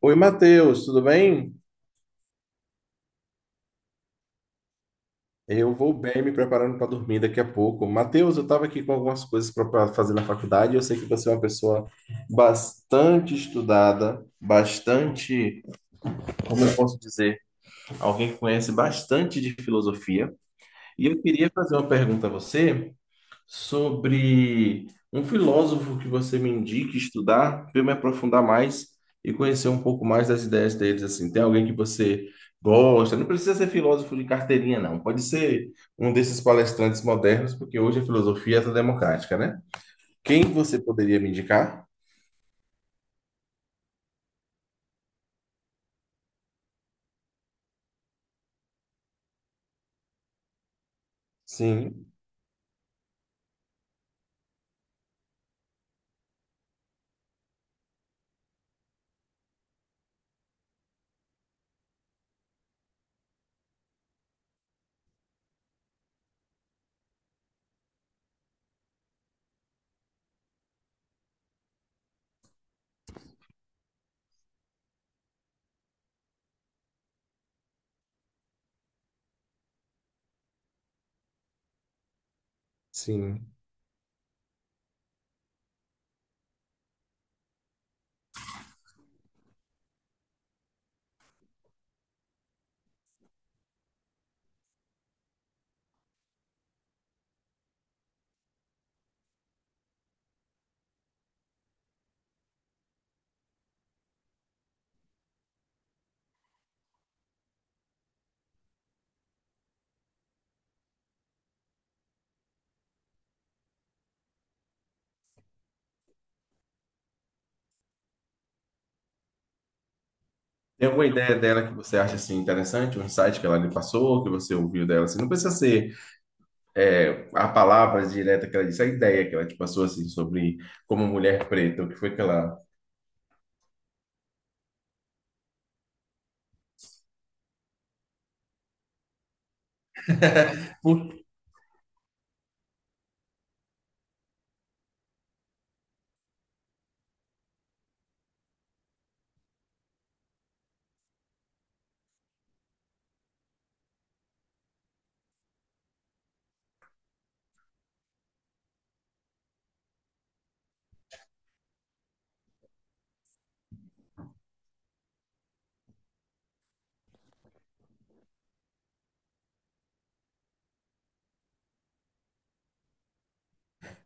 Oi, Matheus, tudo bem? Eu vou bem, me preparando para dormir daqui a pouco. Matheus, eu estava aqui com algumas coisas para fazer na faculdade. Eu sei que você é uma pessoa bastante estudada, bastante, como eu posso dizer, alguém que conhece bastante de filosofia. E eu queria fazer uma pergunta a você, sobre um filósofo que você me indique estudar, para eu me aprofundar mais e conhecer um pouco mais das ideias deles, assim. Tem alguém que você gosta? Não precisa ser filósofo de carteirinha, não. Pode ser um desses palestrantes modernos, porque hoje a filosofia é toda democrática, né? Quem você poderia me indicar? Sim, sim. Tem alguma ideia dela que você acha assim interessante, um insight que ela lhe passou, que você ouviu dela? Assim, não precisa ser a palavra direta que ela disse, a ideia que ela te passou assim sobre como mulher preta, o que foi que ela. Por-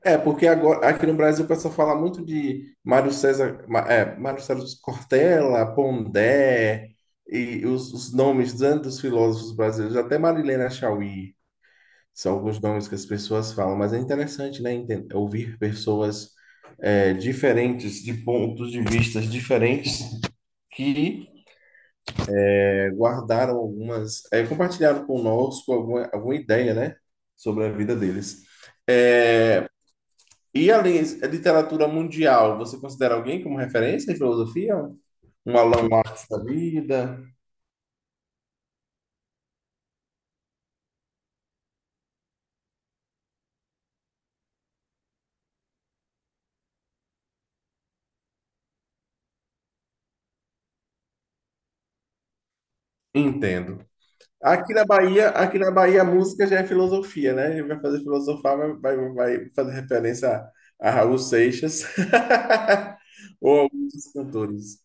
é, porque agora aqui no Brasil o pessoal fala muito de Mário César, Mário César Cortella, Pondé e os nomes tanto dos filósofos brasileiros, até Marilena Chauí, são alguns nomes que as pessoas falam, mas é interessante, né, ouvir pessoas diferentes, de pontos de vistas diferentes que é, guardaram algumas, é, compartilharam conosco alguma, alguma ideia, né, sobre a vida deles. É, e além da literatura mundial, você considera alguém como referência em filosofia? Um Allan Marx da vida? Entendo. Aqui na Bahia a música já é filosofia, né? Ele vai fazer filosofar, vai fazer referência a Raul Seixas ou a alguns dos cantores.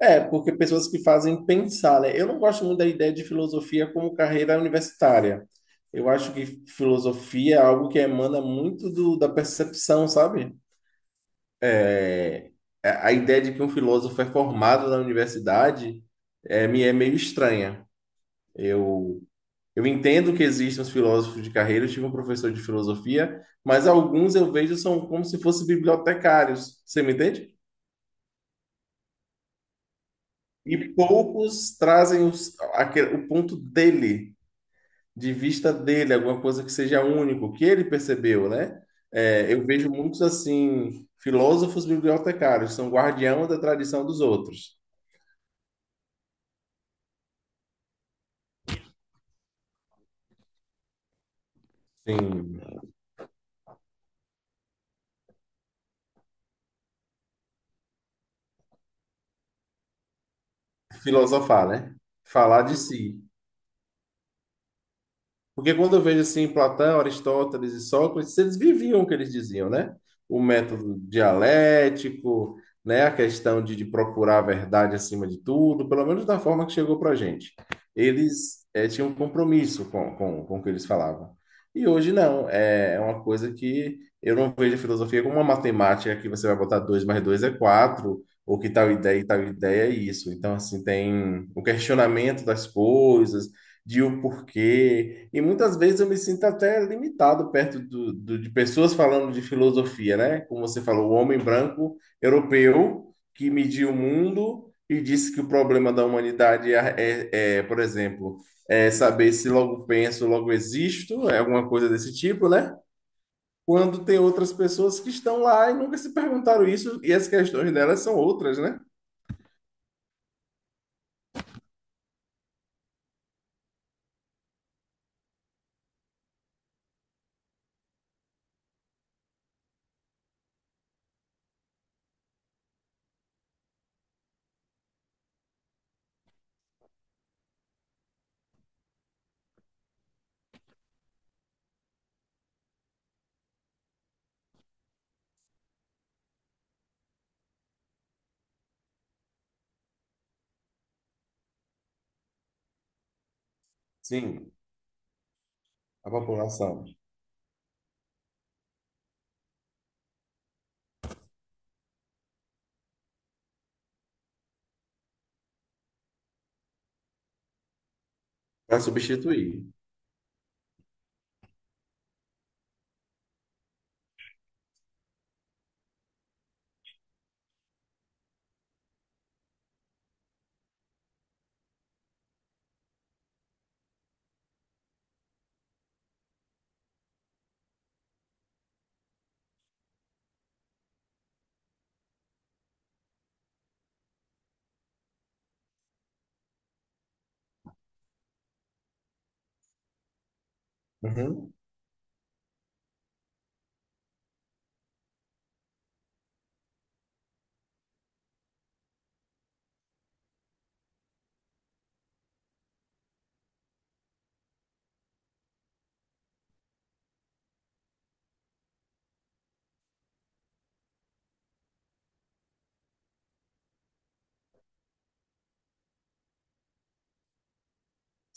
É, porque pessoas que fazem pensar, né? Eu não gosto muito da ideia de filosofia como carreira universitária. Eu acho que filosofia é algo que emana muito da percepção, sabe? É, a ideia de que um filósofo é formado na universidade é, me é meio estranha. Eu, eu entendo que existem os filósofos de carreira, eu tive um professor de filosofia, mas alguns eu vejo são como se fossem bibliotecários, você me entende? E poucos trazem o ponto dele de vista dele, alguma coisa que seja único, que ele percebeu, né? É, eu vejo muitos assim, filósofos bibliotecários, são guardião da tradição dos outros. Sim, filosofar, né? Falar de si. Porque quando eu vejo assim Platão, Aristóteles e Sócrates, eles viviam o que eles diziam, né? O método dialético, né? A questão de procurar a verdade acima de tudo, pelo menos da forma que chegou para a gente. Eles tinham um compromisso com o que eles falavam. E hoje não, é uma coisa que eu não vejo a filosofia como uma matemática que você vai botar 2 mais 2 é 4 ou que tal ideia e tal ideia é isso. Então, assim, tem o questionamento das coisas, de o porquê. E muitas vezes eu me sinto até limitado perto de pessoas falando de filosofia, né? Como você falou, o homem branco europeu que mediu o mundo e disse que o problema da humanidade é, por exemplo, é saber se logo penso, logo existo, é alguma coisa desse tipo, né? Quando tem outras pessoas que estão lá e nunca se perguntaram isso, e as questões delas são outras, né? Sim, a população. Para substituir. Uhum.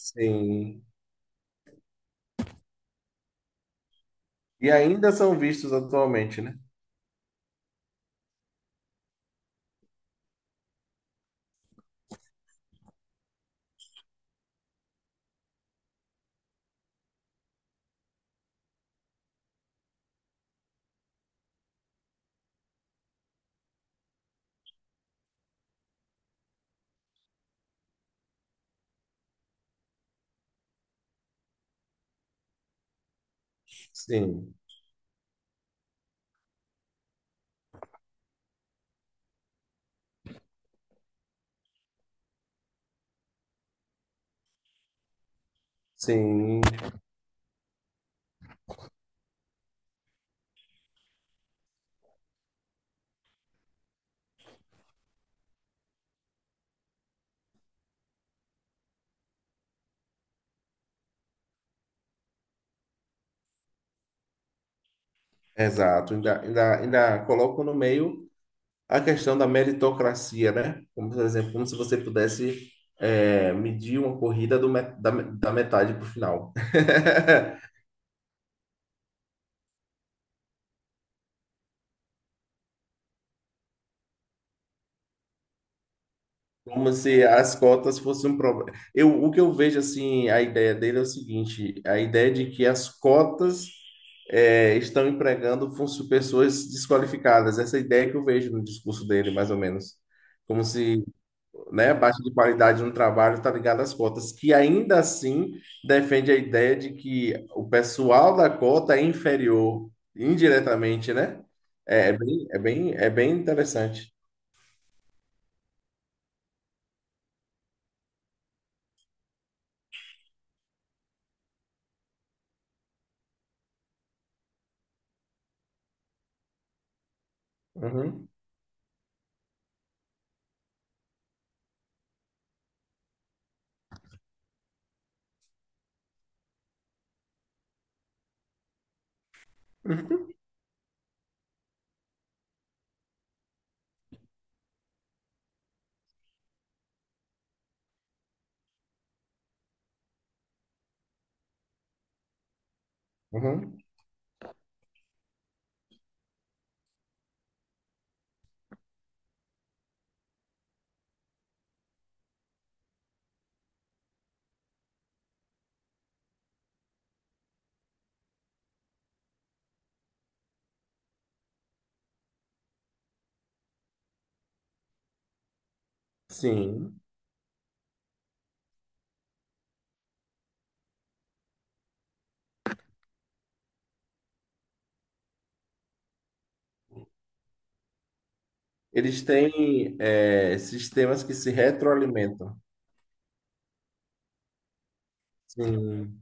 Sim. E ainda são vistos atualmente, né? Sim, sim, exato. Ainda colocam no meio a questão da meritocracia, né? Como, por exemplo, como se você pudesse medir uma corrida da metade para o final. Como se as cotas fossem um problema. Eu, o que eu vejo, assim, a ideia dele é o seguinte: a ideia de que as cotas estão empregando pessoas desqualificadas. Essa ideia que eu vejo no discurso dele, mais ou menos. Como se, né, a baixa de qualidade no trabalho está ligada às cotas, que ainda assim defende a ideia de que o pessoal da cota é inferior, indiretamente, né? É, é bem interessante. Uhum. Uhum. Sim. Eles têm é, sistemas que se retroalimentam. Sim,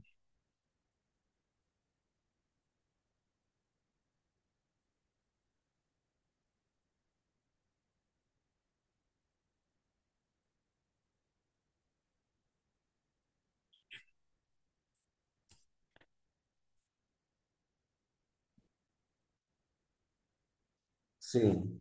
sim.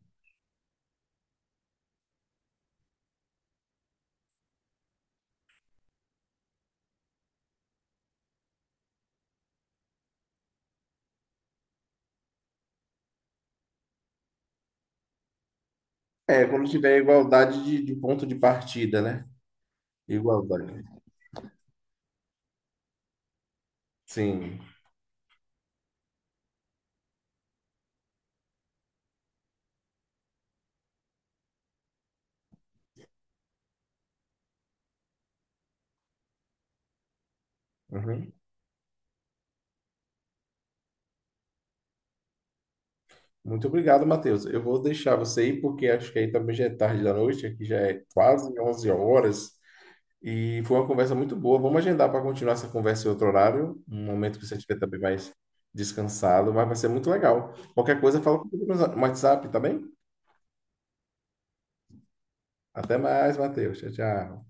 É, quando tiver igualdade de ponto de partida, né? Igualdade. Sim. Uhum. Muito obrigado, Matheus. Eu vou deixar você ir, porque acho que aí também já é tarde da noite, aqui já é quase 11 horas. E foi uma conversa muito boa. Vamos agendar para continuar essa conversa em outro horário, um momento que você estiver também mais descansado, mas vai ser muito legal. Qualquer coisa, fala comigo no WhatsApp, tá bem? Até mais, Matheus. Tchau, tchau.